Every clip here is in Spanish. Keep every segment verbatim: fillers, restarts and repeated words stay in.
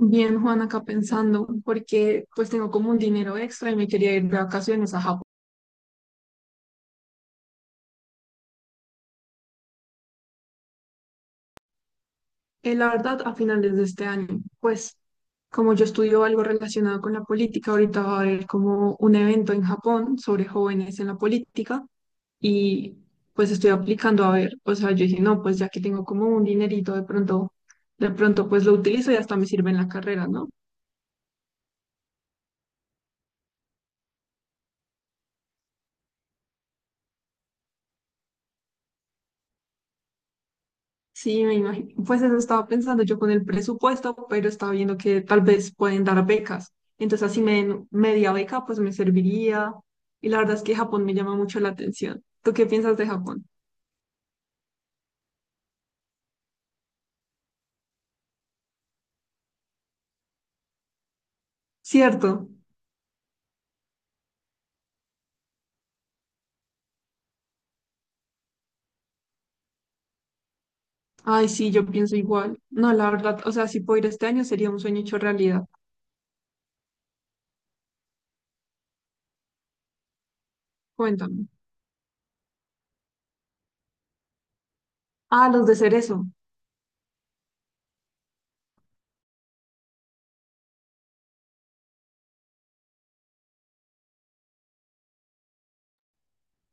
Bien, Juan, acá pensando, porque pues tengo como un dinero extra y me quería ir de vacaciones a Japón. Eh, la verdad, a finales de este año, pues como yo estudio algo relacionado con la política, ahorita va a haber como un evento en Japón sobre jóvenes en la política y pues estoy aplicando a ver, o sea, yo dije, no, pues ya que tengo como un dinerito de pronto, de pronto pues lo utilizo y hasta me sirve en la carrera, ¿no? Sí, me imagino. Pues eso estaba pensando yo con el presupuesto, pero estaba viendo que tal vez pueden dar becas. Entonces, así me den media beca, pues me serviría. Y la verdad es que Japón me llama mucho la atención. ¿Tú qué piensas de Japón? Cierto. Ay, sí, yo pienso igual. No, la verdad, o sea, si puedo ir este año sería un sueño hecho realidad. Cuéntame. Ah, los de cerezo.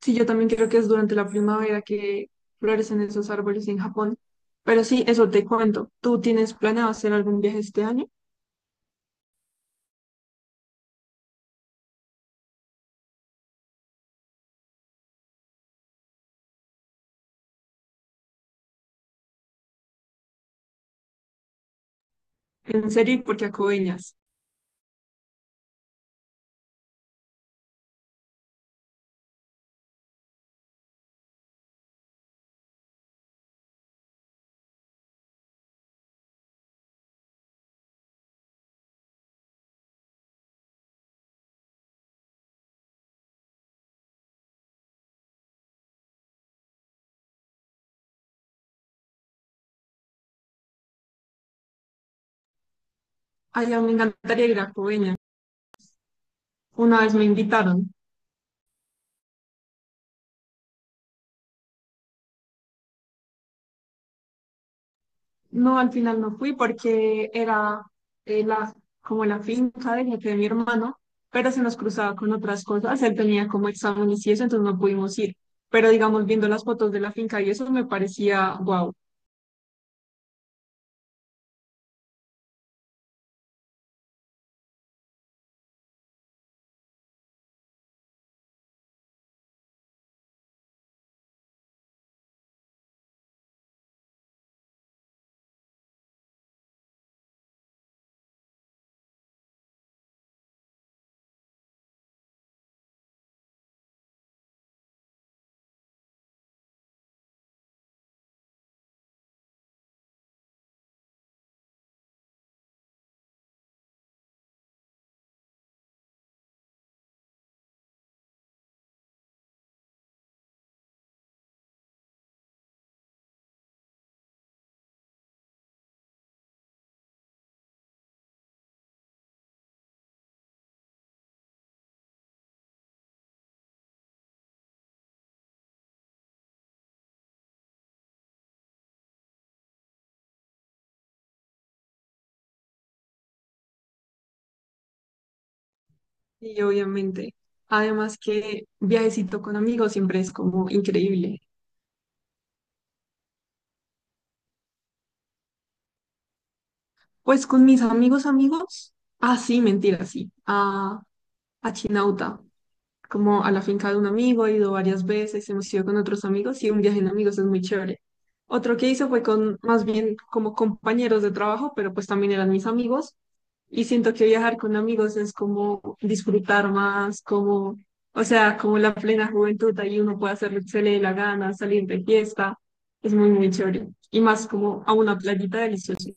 Sí, yo también creo que es durante la primavera que florecen esos árboles en Japón. Pero sí, eso te cuento. ¿Tú tienes planeado hacer algún viaje este año? En serio, porque a Coveñas. Ay, a mí me encantaría ir a Coveñas. Una vez me invitaron. No, al final no fui porque era eh, la, como la finca del jefe de mi hermano, pero se nos cruzaba con otras cosas. Él tenía como exámenes y eso, entonces no pudimos ir. Pero digamos, viendo las fotos de la finca y eso me parecía wow. Y obviamente, además que viajecito con amigos siempre es como increíble. Pues con mis amigos, amigos, ah, sí, mentira, sí, a, a Chinauta. Como a la finca de un amigo, he ido varias veces, hemos ido con otros amigos y un viaje en amigos es muy chévere. Otro que hice fue con más bien como compañeros de trabajo, pero pues también eran mis amigos y siento que viajar con amigos es como disfrutar más, como, o sea, como la plena juventud, ahí uno puede hacer lo que se le dé la gana, salir de fiesta, es muy, muy chévere. Y más como a una playita deliciosa.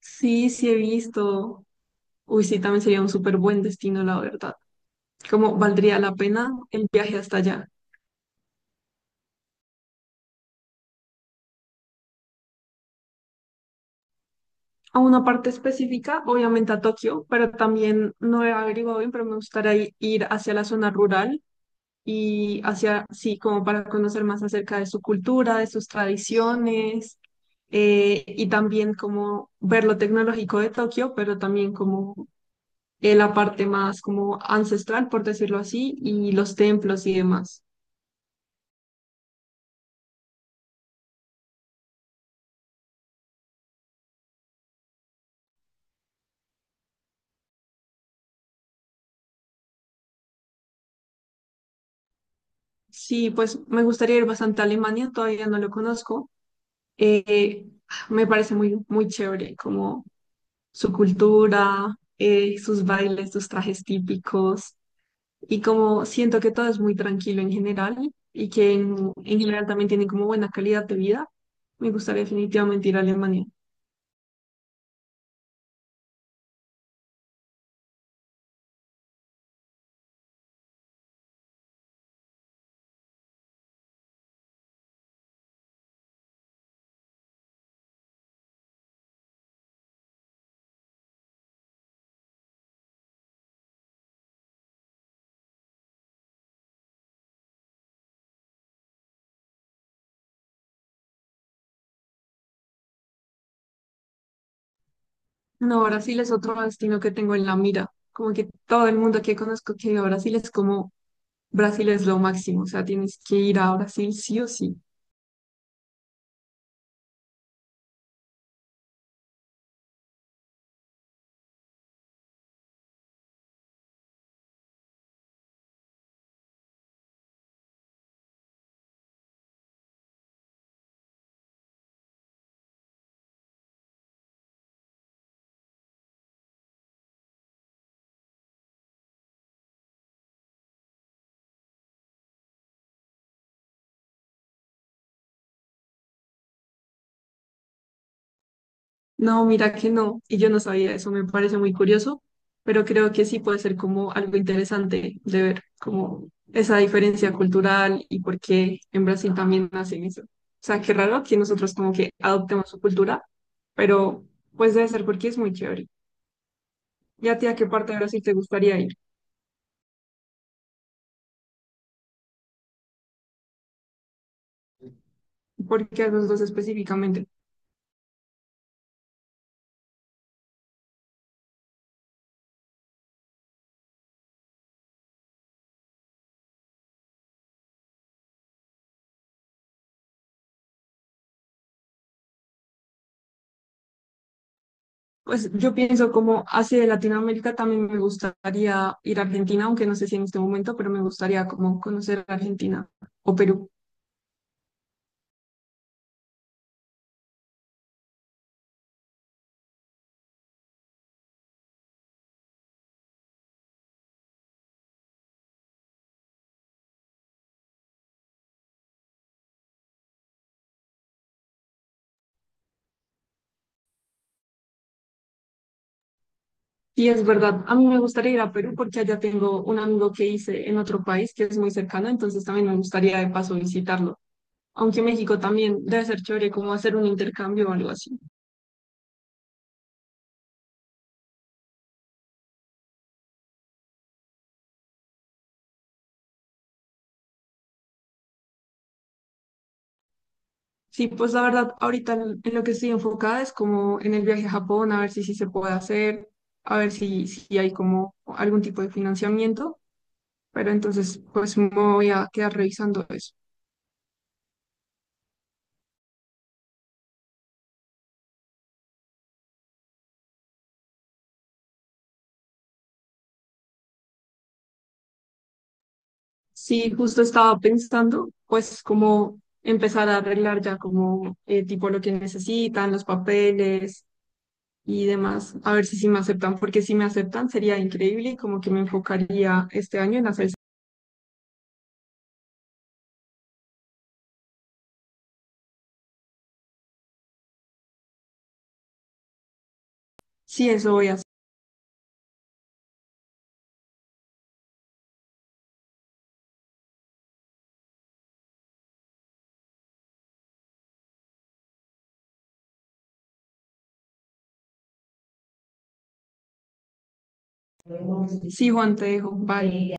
Sí, sí he visto. Uy, sí, también sería un súper buen destino, la verdad. Como valdría la pena el viaje hasta allá. A una parte específica, obviamente a Tokio, pero también no he averiguado bien, pero me gustaría i- ir hacia la zona rural y hacia, sí, como para conocer más acerca de su cultura, de sus tradiciones, eh, y también como ver lo tecnológico de Tokio, pero también como eh, la parte más como ancestral, por decirlo así, y los templos y demás. Sí, pues me gustaría ir bastante a Alemania, todavía no lo conozco. Eh, Me parece muy, muy chévere, como su cultura, eh, sus bailes, sus trajes típicos, y como siento que todo es muy tranquilo en general y que en, en general también tienen como buena calidad de vida. Me gustaría definitivamente ir a Alemania. No, Brasil es otro destino que tengo en la mira. Como que todo el mundo que conozco que ha ido a Brasil es como Brasil es lo máximo, o sea, tienes que ir a Brasil sí o sí. No, mira que no, y yo no sabía eso, me parece muy curioso, pero creo que sí puede ser como algo interesante de ver como esa diferencia cultural y por qué en Brasil también hacen eso. O sea, qué raro que nosotros como que adoptemos su cultura, pero pues debe ser porque es muy chévere. ¿Y a ti a qué parte de Brasil te gustaría ir? ¿Por qué a los dos específicamente? Pues yo pienso como hacia de Latinoamérica también me gustaría ir a Argentina, aunque no sé si en este momento, pero me gustaría como conocer Argentina o Perú. Sí, es verdad. A mí me gustaría ir a Perú porque allá tengo un amigo que hice en otro país que es muy cercano, entonces también me gustaría de paso visitarlo. Aunque México también debe ser chévere como hacer un intercambio o algo así. Sí, pues la verdad, ahorita en en lo que estoy enfocada es como en el viaje a Japón, a ver si sí se puede hacer, a ver si, si hay como algún tipo de financiamiento, pero entonces pues me voy a quedar revisando eso. Sí, justo estaba pensando, pues, cómo empezar a arreglar ya como eh, tipo lo que necesitan, los papeles y demás, a ver si sí me aceptan, porque si me aceptan sería increíble y como que me enfocaría este año en hacer. Sí, eso voy a hacer. Sí, Juan, te dejo. Bye.